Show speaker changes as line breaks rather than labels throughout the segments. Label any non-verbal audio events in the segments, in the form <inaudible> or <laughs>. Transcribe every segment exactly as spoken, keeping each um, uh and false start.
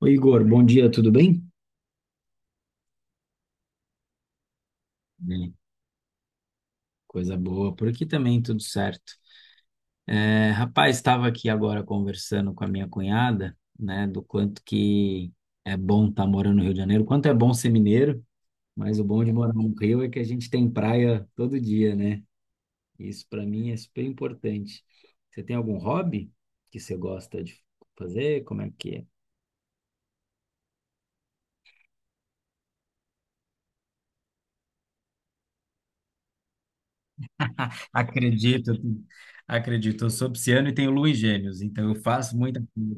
Oi, Igor, bom dia, tudo bem? Bem. Coisa boa, por aqui também tudo certo. É, rapaz, estava aqui agora conversando com a minha cunhada, né, do quanto que é bom estar morando no Rio de Janeiro, quanto é bom ser mineiro, mas o bom de morar no Rio é que a gente tem praia todo dia, né? Isso para mim é super importante. Você tem algum hobby que você gosta de fazer? Como é que é? <laughs> Acredito, acredito. Eu sou pisciano e tenho lua em gêmeos, então eu faço muita coisa.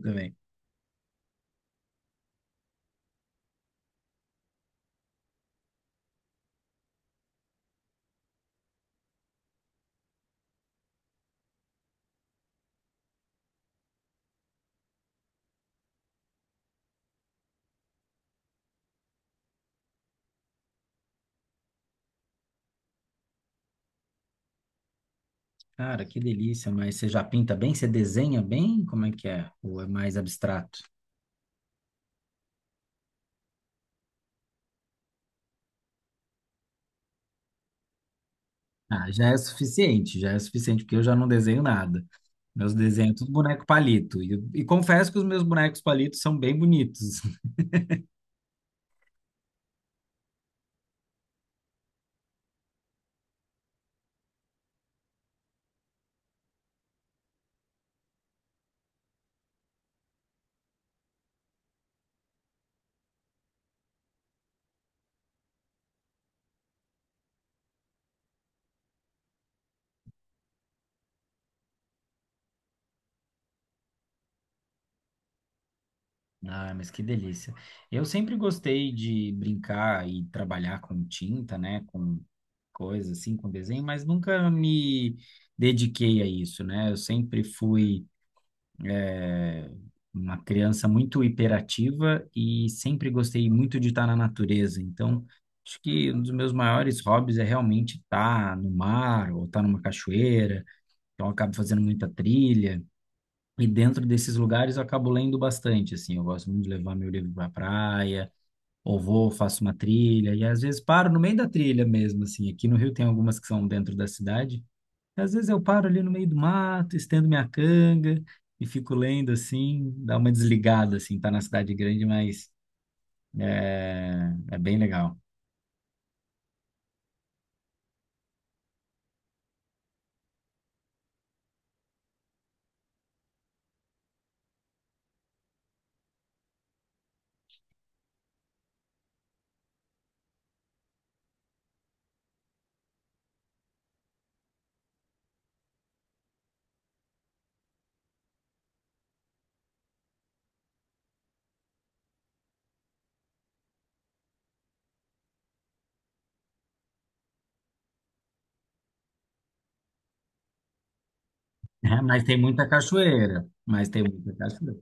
Cara, que delícia, mas você já pinta bem? Você desenha bem? Como é que é? Ou é mais abstrato? Ah, já é suficiente, já é suficiente, porque eu já não desenho nada. Meus desenhos, é tudo boneco palito. E, e confesso que os meus bonecos palitos são bem bonitos. <laughs> Ah, mas que delícia. Eu sempre gostei de brincar e trabalhar com tinta, né? Com coisas assim, com desenho, mas nunca me dediquei a isso, né? Eu sempre fui. é, uma criança muito hiperativa e sempre gostei muito de estar na natureza. Então, acho que um dos meus maiores hobbies é realmente estar no mar ou estar numa cachoeira. Então, eu acabo fazendo muita trilha. E dentro desses lugares eu acabo lendo bastante, assim, eu gosto muito de levar meu livro para praia, ou vou, faço uma trilha, e às vezes paro no meio da trilha mesmo, assim, aqui no Rio tem algumas que são dentro da cidade, às vezes eu paro ali no meio do mato, estendo minha canga e fico lendo assim, dá uma desligada assim, tá na cidade grande, mas é, é bem legal. <laughs> Mas tem muita cachoeira, mas tem muita cachoeira.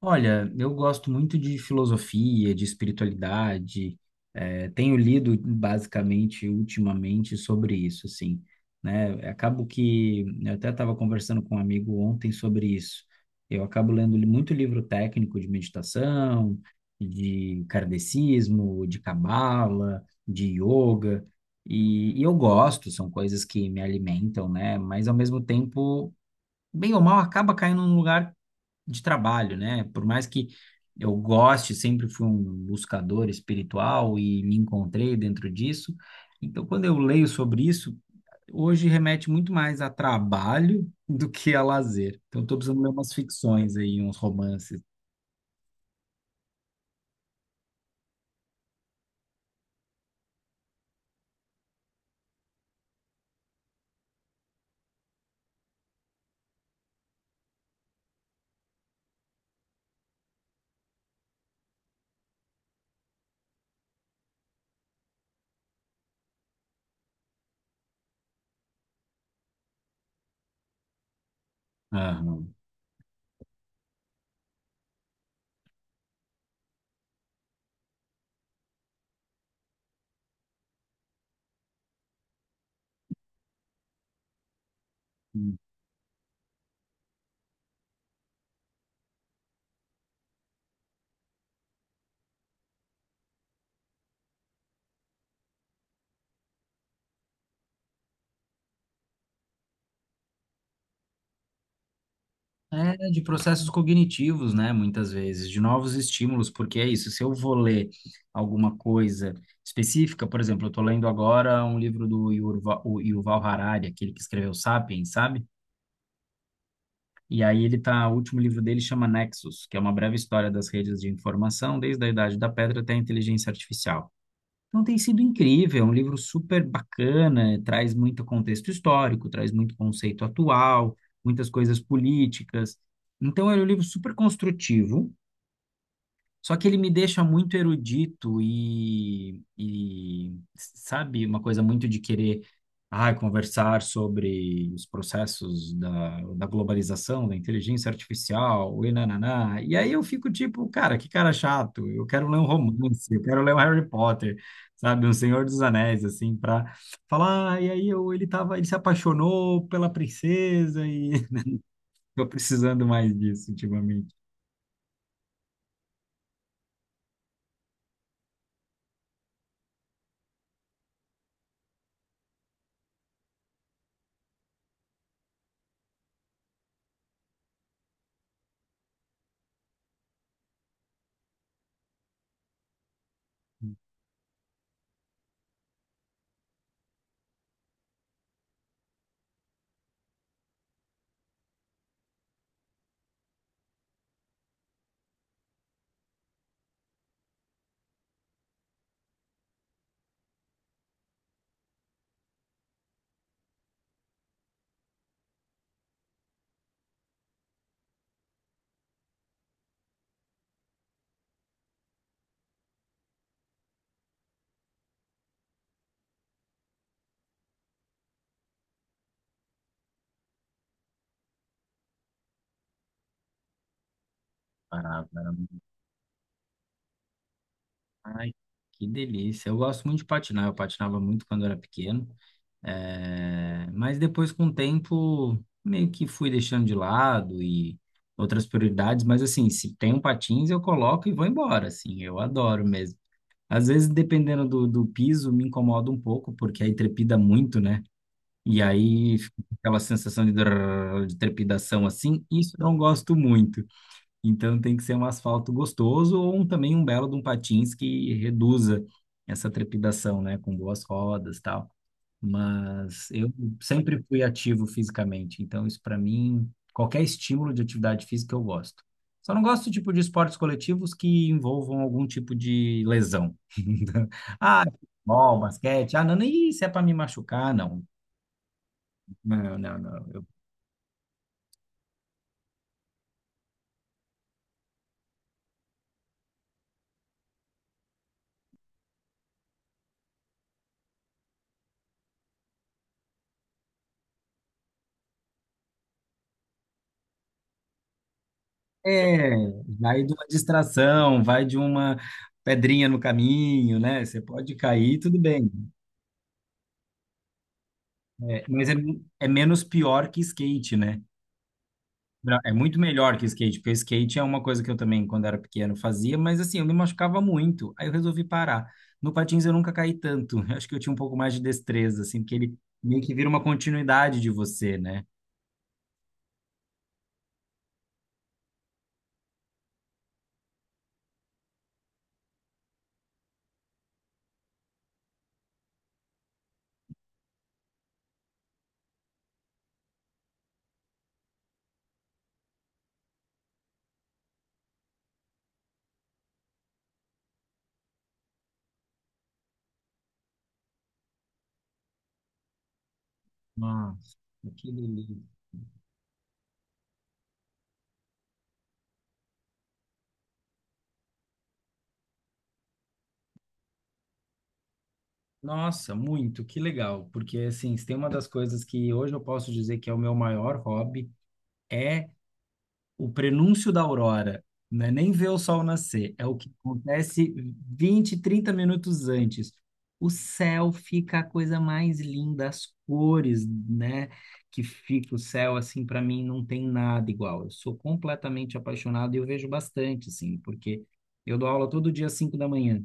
Olha, eu gosto muito de filosofia, de espiritualidade. Eh, tenho lido basicamente ultimamente sobre isso, assim, né? Acabo que eu até estava conversando com um amigo ontem sobre isso. Eu acabo lendo li- muito livro técnico de meditação, de kardecismo, de cabala, de yoga, e, e eu gosto. São coisas que me alimentam, né? Mas ao mesmo tempo, bem ou mal, acaba caindo num lugar de trabalho, né? Por mais que eu goste, sempre fui um buscador espiritual e me encontrei dentro disso. Então, quando eu leio sobre isso, hoje remete muito mais a trabalho <laughs> do que a lazer. Então, estou precisando ler umas ficções aí, uns romances. Aham. É, de processos cognitivos, né? Muitas vezes, de novos estímulos, porque é isso. Se eu vou ler alguma coisa específica, por exemplo, eu estou lendo agora um livro do Yuval, o Yuval Harari, aquele que escreveu Sapiens, sabe? E aí ele tá, o último livro dele chama Nexus, que é uma breve história das redes de informação, desde a Idade da Pedra até a inteligência artificial. Então tem sido incrível, é um livro super bacana, traz muito contexto histórico, traz muito conceito atual, muitas coisas políticas. Então é um livro super construtivo, só que ele me deixa muito erudito e, e, sabe, uma coisa muito de querer, ah, conversar sobre os processos da, da globalização, da inteligência artificial, e nananá. E aí eu fico tipo, cara, que cara chato, eu quero ler um romance, eu quero ler um Harry Potter, sabe, um Senhor dos Anéis, assim, para falar, ah, e aí eu, ele tava, ele se apaixonou pela princesa e <laughs> tô precisando mais disso ultimamente. Parado. Ai, que delícia. Eu gosto muito de patinar. Eu patinava muito quando era pequeno. É, mas depois, com o tempo, meio que fui deixando de lado e outras prioridades. Mas, assim, se tem um patins, eu coloco e vou embora. Assim, eu adoro mesmo. Às vezes, dependendo do, do piso, me incomoda um pouco, porque aí trepida muito, né? E aí fica aquela sensação de drrr, de trepidação assim. Isso eu não gosto muito. Então tem que ser um asfalto gostoso ou um- também um belo de um patins que reduza essa trepidação, né? Com boas rodas e tal. Mas eu sempre fui ativo fisicamente, então isso para mim, qualquer estímulo de atividade física eu gosto. Só não gosto tipo de esportes coletivos que envolvam algum tipo de lesão. <laughs> Ah, futebol, basquete, ah, não, não, isso é para me machucar, não. Não, não, não. É, vai de uma distração, vai de uma pedrinha no caminho, né? Você pode cair, tudo bem. É, mas é, é menos pior que skate, né? Pra- É muito melhor que skate, porque skate é uma coisa que eu também, quando era pequeno, fazia, mas assim, eu me machucava muito. Aí eu resolvi parar. No patins eu nunca caí tanto. <laughs> Eu acho que eu tinha um pouco mais de destreza, assim, porque ele meio que vira uma continuidade de você, né? Nossa, que delícia. Nossa, muito, que legal, porque assim, se tem uma das coisas que hoje eu posso dizer que é o meu maior hobby, é o prenúncio da aurora, não é nem ver o sol nascer, é o que acontece vinte, trinta minutos antes. O céu fica a coisa mais linda, as cores, né, que fica o céu, assim, para mim não tem nada igual. Eu sou completamente apaixonado e eu vejo bastante, assim, porque eu dou aula todo dia às cinco da manhã.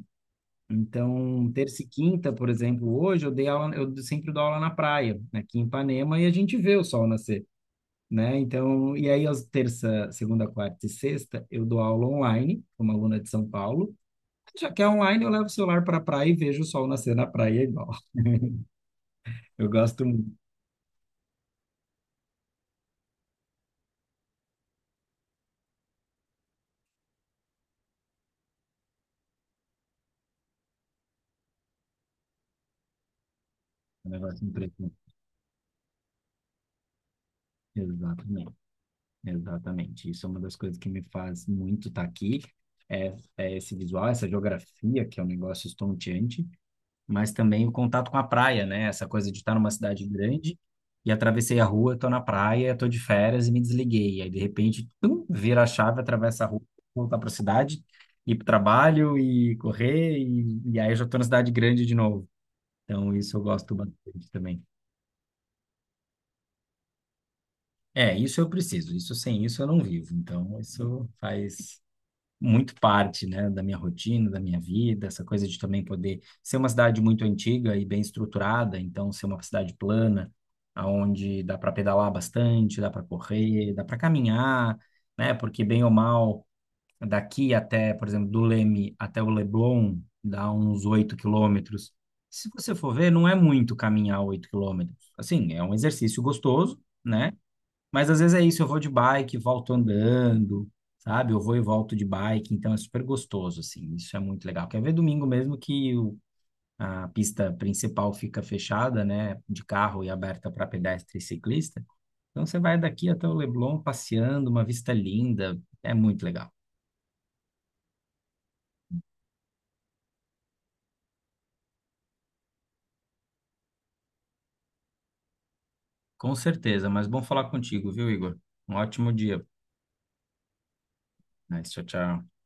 Então, terça e quinta, por exemplo, hoje eu dei aula, eu sempre dou aula na praia, aqui em Ipanema, e a gente vê o sol nascer, né? Então, e aí às terça, segunda, quarta e sexta, eu dou aula online, como aluna de São Paulo. Já que é online, eu levo o celular para a praia e vejo o sol nascer na praia igual. <laughs> Eu gosto muito do negócio impressionante. Exatamente, exatamente. Isso é uma das coisas que me faz muito estar aqui, é, é esse visual, essa geografia, que é um negócio estonteante. Mas também o contato com a praia, né? Essa coisa de estar numa cidade grande e atravessei a rua, tô na praia, tô de férias e me desliguei. Aí, de repente, tum, vira a chave, atravessa a rua, voltar para a cidade, ir para o trabalho e correr, e, e aí eu já tô na cidade grande de novo. Então, isso eu gosto bastante também. É, isso eu preciso. Isso sem isso eu não vivo. Então, isso faz muito parte, né, da minha rotina, da minha vida, essa coisa de também poder ser uma cidade muito antiga e bem estruturada, então ser uma cidade plana, aonde dá para pedalar bastante, dá para correr, dá para caminhar, né? Porque bem ou mal, daqui até, por exemplo, do Leme até o Leblon, dá uns oito quilômetros. Se você for ver, não é muito caminhar oito quilômetros. Assim, é um exercício gostoso, né? Mas às vezes é isso, eu vou de bike, volto andando, sabe? Eu vou e volto de bike, então é super gostoso, assim, isso é muito legal. Quer ver domingo mesmo que o- a pista principal fica fechada, né, de carro e aberta para pedestre e ciclista. Então você vai daqui até o Leblon passeando, uma vista linda, é muito legal. Com certeza, mas bom falar contigo, viu, Igor? Um ótimo dia. Mas, tchau, tchau.